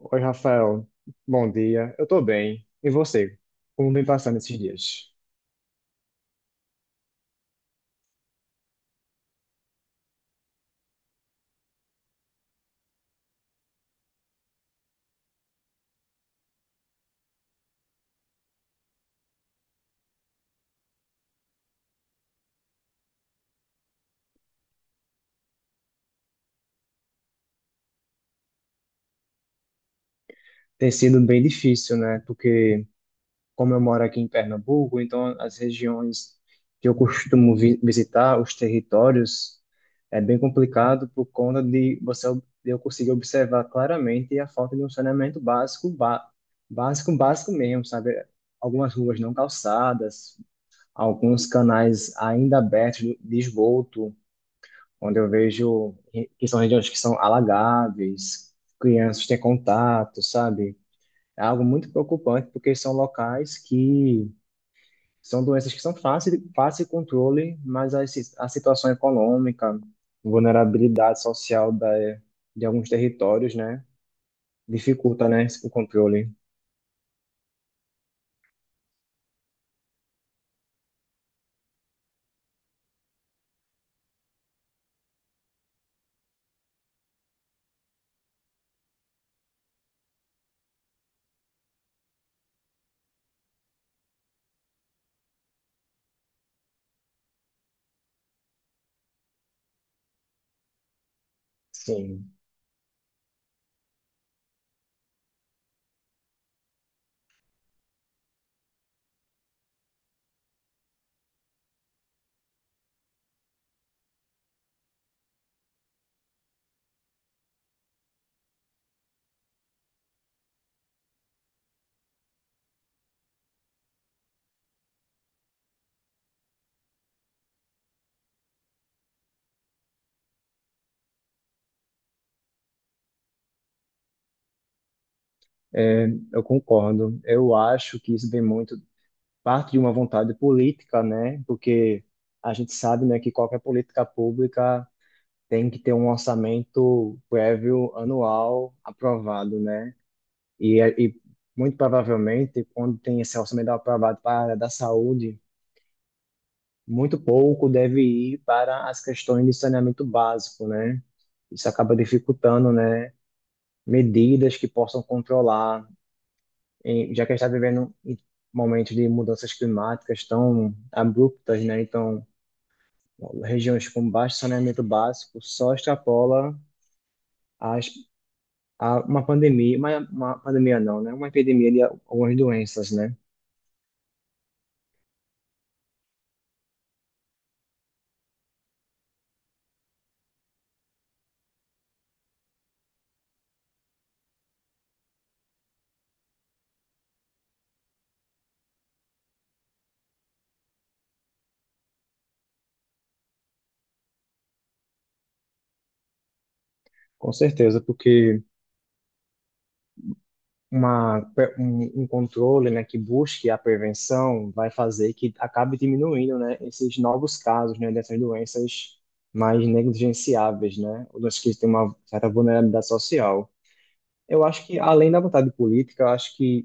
Oi, Rafael. Bom dia. Eu tô bem. E você? Como vem passando esses dias? Tem sido bem difícil, né? Porque como eu moro aqui em Pernambuco, então as regiões que eu costumo visitar, os territórios, é bem complicado por conta de você de eu conseguir observar claramente a falta de um saneamento básico, básico, básico mesmo, sabe? Algumas ruas não calçadas, alguns canais ainda abertos de esgoto, onde eu vejo que são regiões que são alagáveis, crianças têm contato, sabe? É algo muito preocupante, porque são locais que são doenças que são fáceis de fácil de controle, mas a situação econômica, vulnerabilidade social de alguns territórios, né, dificulta, né, o controle. Sim, é, eu concordo. Eu acho que isso vem muito parte de uma vontade política, né, porque a gente sabe, né, que qualquer política pública tem que ter um orçamento prévio anual aprovado, né? E muito provavelmente, quando tem esse orçamento aprovado para a área da saúde, muito pouco deve ir para as questões de saneamento básico, né? Isso acaba dificultando, né? Medidas que possam controlar, já que a gente está vivendo em momentos de mudanças climáticas tão abruptas, né? Então, regiões com baixo saneamento básico só extrapola as a uma pandemia, uma pandemia não, né? Uma epidemia de algumas doenças, né? Com certeza, porque um controle, né, que busque a prevenção vai fazer que acabe diminuindo, né, esses novos casos, né, dessas doenças mais negligenciáveis, né, ou doenças que têm uma certa vulnerabilidade social. Eu acho que, além da vontade política, eu acho que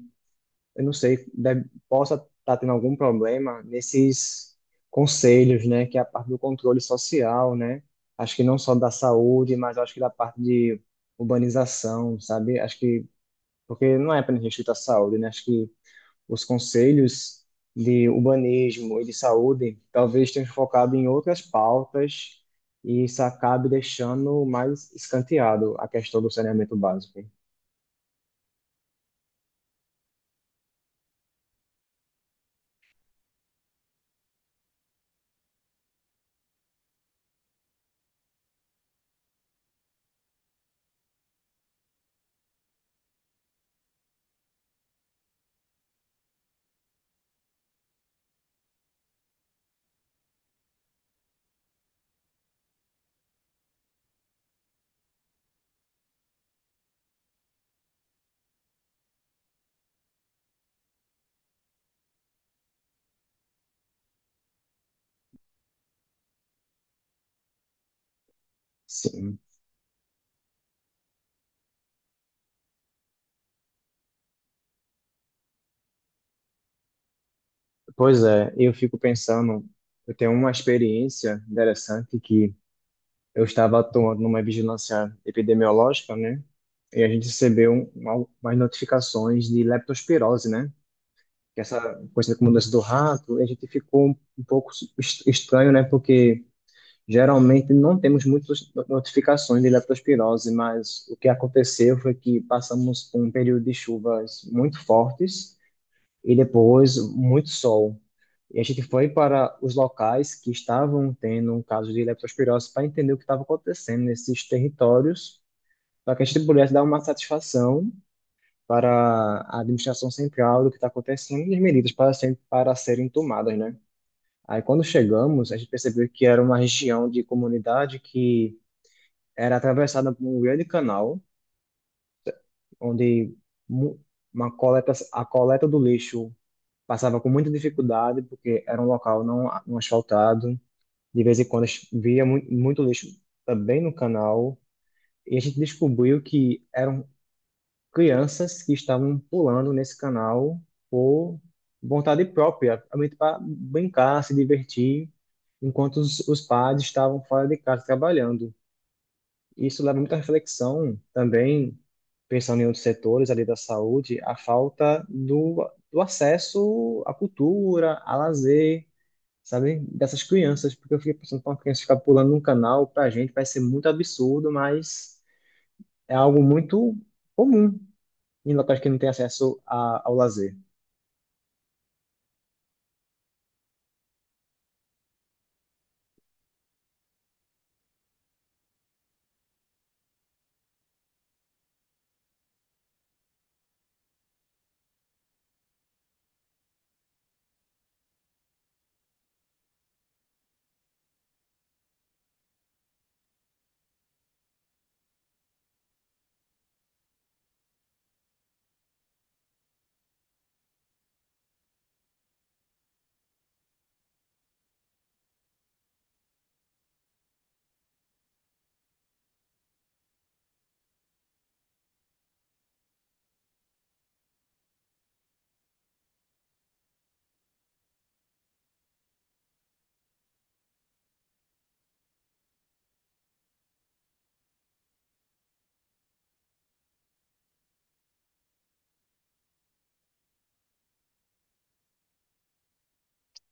eu não sei, deve, possa estar tendo algum problema nesses conselhos, né, que é a parte do controle social, né? Acho que não só da saúde, mas acho que da parte de urbanização, sabe? Acho que porque não é apenas restrito à saúde, né? Acho que os conselhos de urbanismo e de saúde talvez tenham focado em outras pautas e isso acabe deixando mais escanteado a questão do saneamento básico. Sim. Pois é, eu fico pensando, eu tenho uma experiência interessante que eu estava atuando numa vigilância epidemiológica, né? E a gente recebeu umas notificações de leptospirose, né? Que é essa coisa como doença do rato, e a gente ficou um pouco estranho, né? Porque geralmente não temos muitas notificações de leptospirose, mas o que aconteceu foi que passamos por um período de chuvas muito fortes e depois muito sol. E a gente foi para os locais que estavam tendo um caso de leptospirose para entender o que estava acontecendo nesses territórios, para que a gente pudesse dar uma satisfação para a administração central do que está acontecendo e as medidas para serem tomadas, né? Aí quando chegamos, a gente percebeu que era uma região de comunidade que era atravessada por um grande canal, onde mu- a coleta do lixo passava com muita dificuldade, porque era um local não asfaltado. De vez em quando muito lixo também no canal. E a gente descobriu que eram crianças que estavam pulando nesse canal por vontade própria, realmente para brincar, se divertir, enquanto os pais estavam fora de casa trabalhando. Isso leva muita reflexão também, pensando em outros setores ali da saúde, a falta do acesso à cultura, a lazer, sabe? Dessas crianças, porque eu fiquei pensando, para uma criança ficar pulando num canal, para a gente vai ser muito absurdo, mas é algo muito comum em locais que não tem acesso a, ao lazer.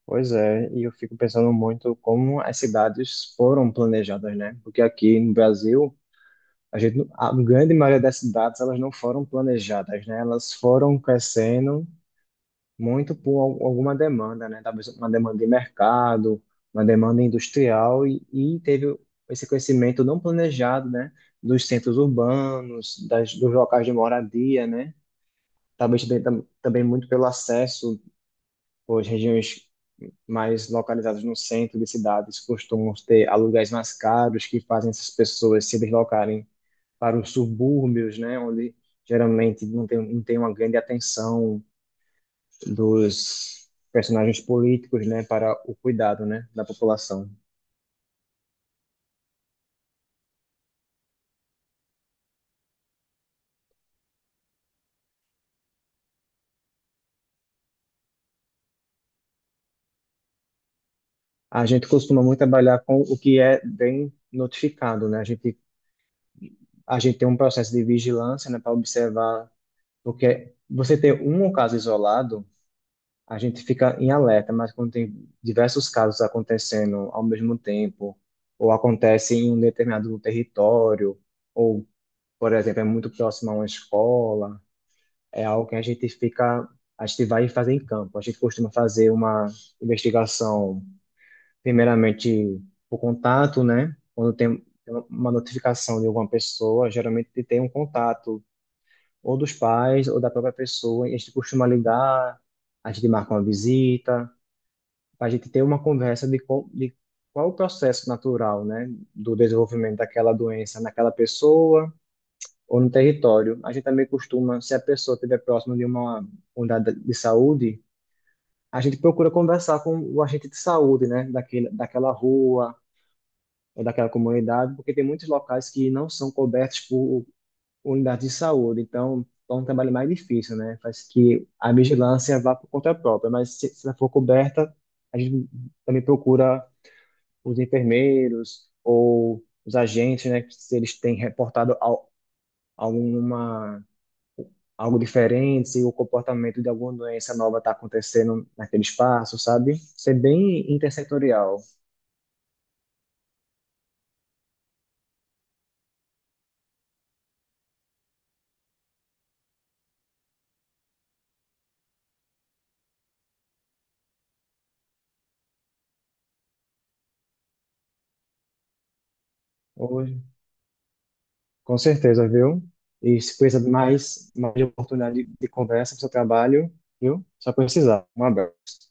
Pois é, e eu fico pensando muito como as cidades foram planejadas, né? Porque aqui no Brasil, a gente, não- a grande maioria das cidades, elas não foram planejadas, né? Elas foram crescendo muito por alguma demanda, né? Talvez uma demanda de mercado, uma demanda industrial, e teve esse crescimento não planejado, né? Dos centros urbanos, dos locais de moradia, né? Talvez também, também muito pelo acesso, pois regiões mais localizadas no centro de cidades costumam ter aluguéis mais caros, que fazem essas pessoas se deslocarem para os subúrbios, né? Onde geralmente não tem uma grande atenção dos personagens políticos, né, para o cuidado, né, da população. A gente costuma muito trabalhar com o que é bem notificado, né? A gente tem um processo de vigilância, né, para observar porque você ter um caso isolado, a gente fica em alerta, mas quando tem diversos casos acontecendo ao mesmo tempo, ou acontece em um determinado território, ou, por exemplo, é muito próximo a uma escola, é algo que a gente vai fazer em campo. A gente costuma fazer uma investigação, primeiramente por contato, né? Quando tem uma notificação de alguma pessoa, geralmente tem um contato ou dos pais ou da própria pessoa. E a gente costuma ligar, a gente marca uma visita, a gente ter uma conversa de qual é o processo natural, né, do desenvolvimento daquela doença naquela pessoa ou no território. A gente também costuma, se a pessoa estiver próxima de uma unidade de saúde, a gente procura conversar com o agente de saúde, né, daquela rua ou daquela comunidade, porque tem muitos locais que não são cobertos por unidade de saúde. Então, é um trabalho mais difícil, né? Faz que a vigilância vá por conta própria, mas se ela for coberta, a gente também procura os enfermeiros ou os agentes, né, se eles têm reportado al- alguma algo diferente, se o comportamento de alguma doença nova está acontecendo naquele espaço, sabe? Ser bem intersetorial. Hoje, com certeza, viu? E se precisa de mais de oportunidade de conversa para o seu trabalho, viu? Só precisar. Um abraço.